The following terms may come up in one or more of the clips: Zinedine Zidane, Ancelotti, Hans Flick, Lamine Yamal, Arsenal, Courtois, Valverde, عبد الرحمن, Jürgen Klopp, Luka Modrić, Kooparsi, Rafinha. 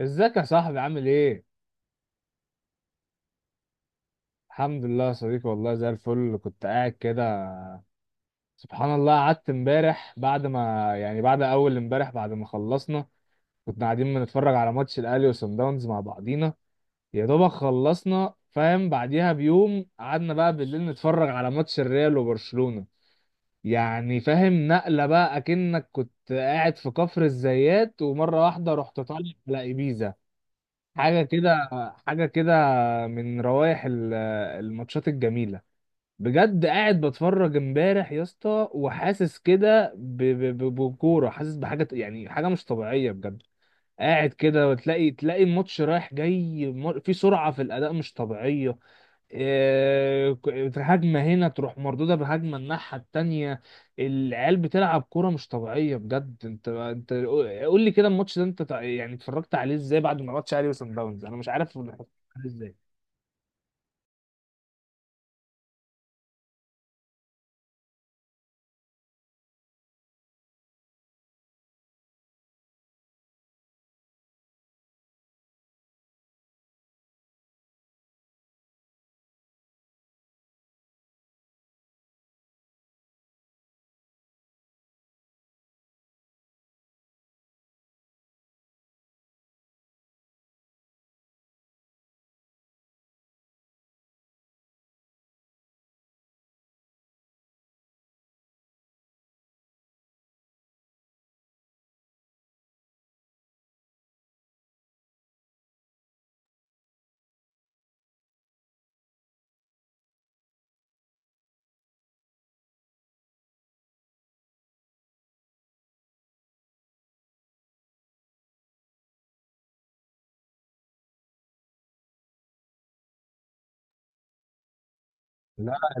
ازيك يا صاحبي؟ عامل ايه؟ الحمد لله يا صديقي، والله زي الفل. كنت قاعد كده، سبحان الله، قعدت امبارح بعد ما يعني بعد اول امبارح بعد ما خلصنا، كنا قاعدين بنتفرج على ماتش الاهلي وصن داونز مع بعضينا. يا دوبك خلصنا، فاهم، بعديها بيوم قعدنا بقى بالليل نتفرج على ماتش الريال وبرشلونة. يعني فاهم نقلة بقى، اكنك كنت قاعد في كفر الزيات ومرة واحدة رحت طالع على ايبيزا. حاجة كده، حاجة كده. من روائح الماتشات الجميلة. بجد قاعد بتفرج امبارح يا اسطى، وحاسس كده بكورة، حاسس بحاجة يعني حاجة مش طبيعية بجد. قاعد كده وتلاقي الماتش رايح جاي، في سرعة في الأداء مش طبيعية. آه، هجمة هنا تروح مردودة بهجمة الناحية التانية. العيال بتلعب كورة مش طبيعية بجد. انت قول لي كده، الماتش ده انت يعني اتفرجت عليه ازاي؟ بعد ما ماتش اهلي وصن داونز، انا مش عارف اللي حصل ازاي. لا،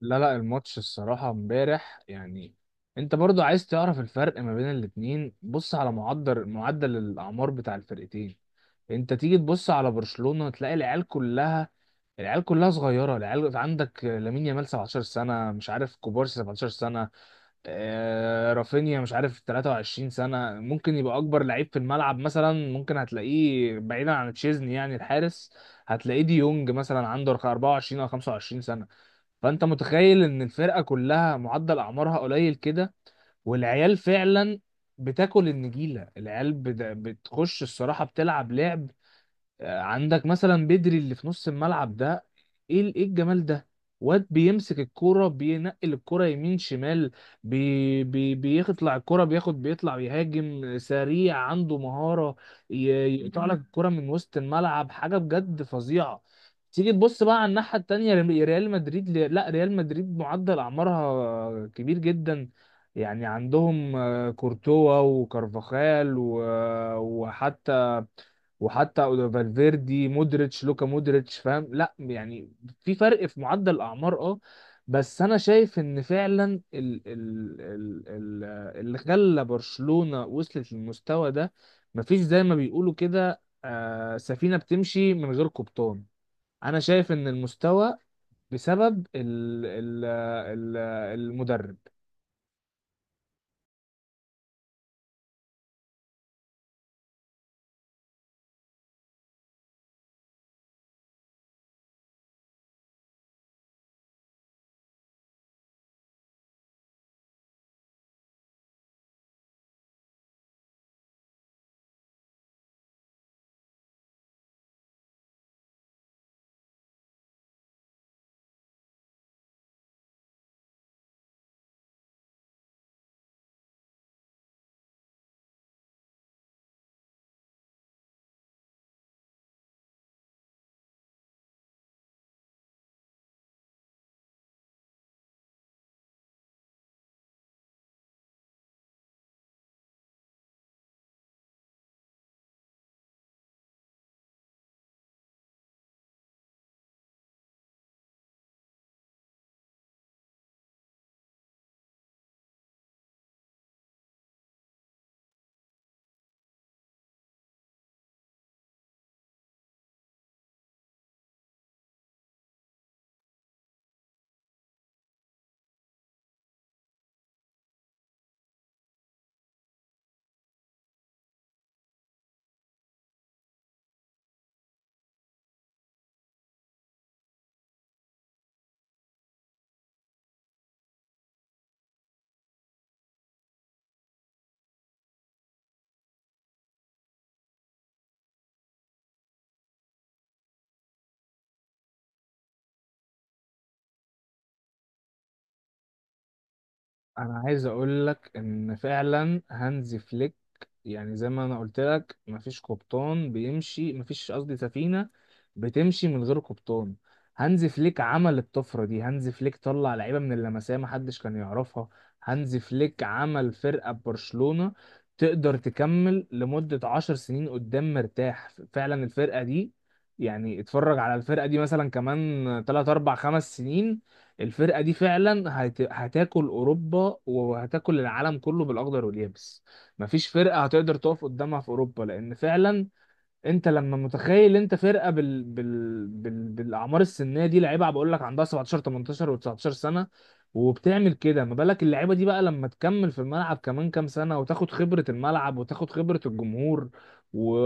لا الماتش الصراحة امبارح يعني، انت برضو عايز تعرف الفرق ما بين الاتنين؟ بص على معدل الأعمار بتاع الفرقتين. انت تيجي تبص على برشلونة تلاقي العيال كلها، العيال كلها صغيرة. العيال عندك لامين يامال 17 سنة، مش عارف كوبارسي 17 سنة، آه، رافينيا مش عارف 23 سنة، ممكن يبقى أكبر لعيب في الملعب مثلا، ممكن هتلاقيه بعيدا عن تشيزني يعني الحارس. هتلاقيه دي يونج مثلا عنده 24 أو 25 سنة. فأنت متخيل إن الفرقة كلها معدل أعمارها قليل كده. والعيال فعلا بتاكل النجيلة، العيال بتخش الصراحة، بتلعب لعب. عندك مثلا بدري اللي في نص الملعب ده، ايه ايه الجمال ده. واد بيمسك الكرة، بينقل الكرة يمين شمال، بي بي بيطلع الكرة، بياخد، بيطلع، بيهاجم سريع، عنده مهارة، ي- يقطع لك الكرة من وسط الملعب، حاجة بجد فظيعة. تيجي تبص بقى على الناحية التانية، ريال مدريد، لا، ريال مدريد معدل أعمارها كبير جدا. يعني عندهم آه، كورتوا وكارفاخال وحتى وحتى فالفيردي، مودريتش، لوكا مودريتش، فاهم، لا يعني في فرق في معدل الاعمار، اه. بس انا شايف ان فعلا ال ال ال ال اللي خلى برشلونة وصلت للمستوى ده، مفيش زي ما بيقولوا كده، آه، سفينة بتمشي من غير قبطان. انا شايف ان المستوى بسبب ال ال ال المدرب. انا عايز اقول لك ان فعلا هانز فليك، يعني زي ما انا قلت لك، مفيش قبطان بيمشي، مفيش، قصدي، سفينة بتمشي من غير قبطان. هانز فليك عمل الطفرة دي. هانز فليك طلع لعيبة من اللمسية محدش كان يعرفها. هانز فليك عمل فرقة ببرشلونة تقدر تكمل لمدة 10 سنين قدام مرتاح فعلا. الفرقة دي يعني اتفرج على الفرقة دي مثلا كمان 3 4 5 سنين، الفرقة دي فعلا هتاكل أوروبا وهتاكل العالم كله بالأخضر واليابس. مفيش فرقة هتقدر تقف قدامها في أوروبا، لأن فعلا انت لما متخيل انت فرقه بالاعمار السنيه دي، لعيبه بقول لك عندها 17 18 و19 سنه، وبتعمل كده، ما بالك اللعيبه دي بقى لما تكمل في الملعب كمان كام سنه، وتاخد خبره الملعب وتاخد خبره الجمهور، و...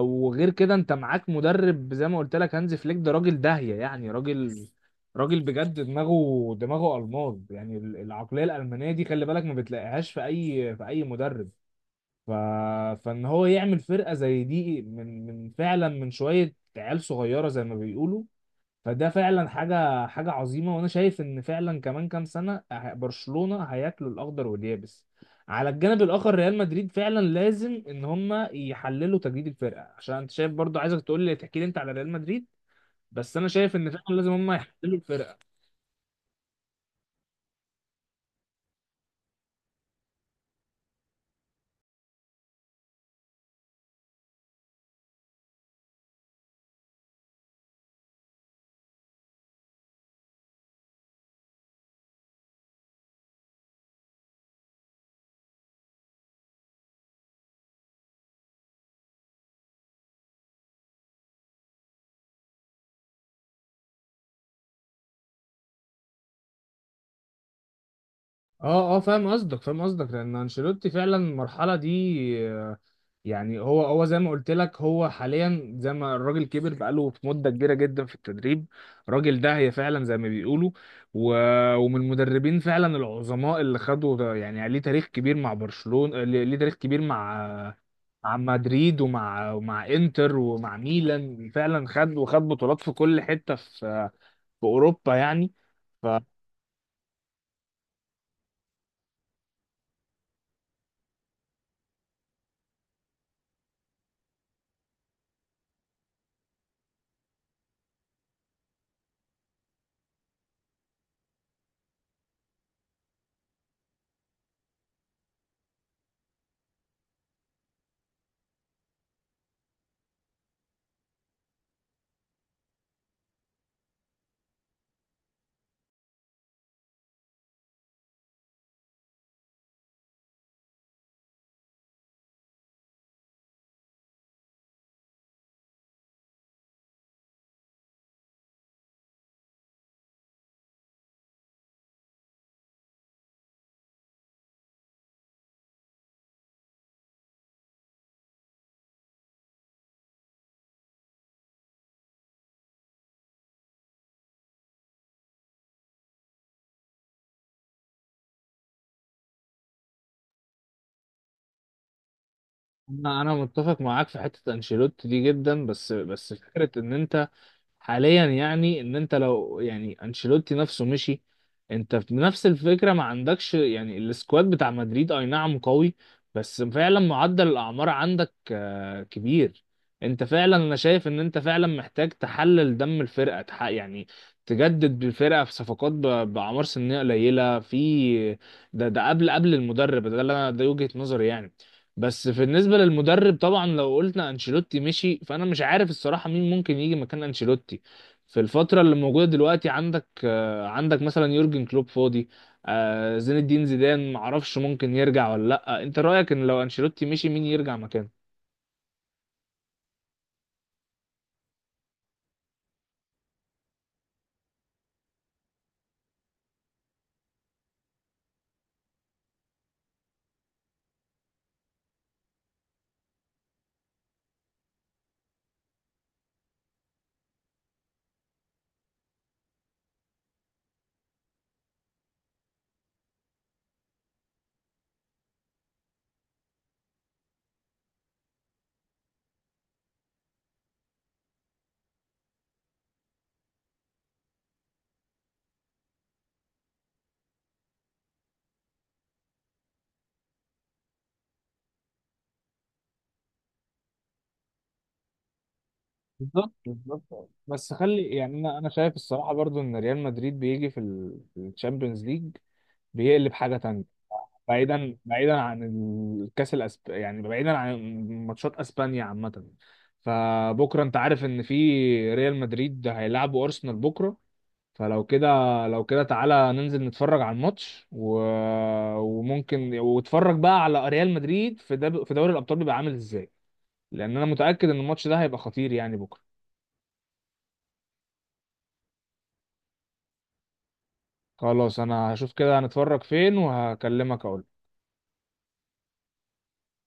وغير كده انت معاك مدرب زي ما قلت لك، هانز فليك ده راجل داهيه، يعني راجل بجد، دماغه الماظ، يعني العقليه الالمانيه دي خلي بالك ما بتلاقيهاش في اي مدرب. ف... فان هو يعمل فرقه زي دي من فعلا من شويه عيال صغيره زي ما بيقولوا، فده فعلا حاجه عظيمه. وانا شايف ان فعلا كمان كام سنه، برشلونه هياكلوا الاخضر واليابس. على الجانب الاخر ريال مدريد فعلا لازم ان هم يحللوا تجديد الفرقه، عشان انت شايف، برضو عايزك تقول لي، تحكي لي انت على ريال مدريد. بس انا شايف ان فعلا لازم هم يحللوا الفرقه. اه، اه، فاهم قصدك، فاهم قصدك لان انشيلوتي فعلا المرحله دي آه، يعني هو زي ما قلت لك هو حاليا، زي ما الراجل كبر، بقاله في مده كبيره جدا في التدريب. الراجل ده هي فعلا زي ما بيقولوا، و... ومن المدربين فعلا العظماء اللي خدوا يعني ليه تاريخ كبير مع برشلونه، ليه تاريخ كبير مع مع مدريد ومع انتر ومع ميلان. فعلا خد وخد بطولات في كل حته في في اوروبا يعني. انا، متفق معاك في حته انشيلوتي دي جدا، بس فكره ان انت حاليا يعني ان انت لو يعني انشيلوتي نفسه مشي، انت في نفس الفكره ما عندكش يعني السكواد بتاع مدريد، اي نعم قوي، بس فعلا معدل الاعمار عندك آه، كبير. انت فعلا، انا شايف ان انت فعلا محتاج تحلل دم الفرقه، يعني تجدد بالفرقه في صفقات باعمار سنيه قليله في، ده قبل المدرب ده اللي انا، ده وجهه نظري يعني. بس في بالنسبة للمدرب طبعا، لو قلنا انشيلوتي مشي، فانا مش عارف الصراحة مين ممكن يجي مكان انشيلوتي في الفترة اللي موجودة دلوقتي. عندك آه، عندك مثلا يورجن كلوب فاضي، آه، زين الدين زيدان، معرفش ممكن يرجع ولا لأ. انت رأيك ان لو انشيلوتي مشي مين يرجع مكانه؟ بالظبط بس خلي يعني، انا شايف الصراحه برضو ان ريال مدريد بيجي في الشامبيونز ليج بيقلب حاجه تانية. بعيدا عن الكاس يعني بعيدا عن ماتشات اسبانيا عامه. فبكره انت عارف ان في ريال مدريد هيلعبوا ارسنال بكره. فلو كده، لو كده تعالى ننزل نتفرج على الماتش، وممكن واتفرج بقى على ريال مدريد في في دوري الابطال بيبقى عامل ازاي. لان انا متاكد ان الماتش ده هيبقى خطير يعني بكره. خلاص انا هشوف كده هنتفرج فين وهكلمك اقول.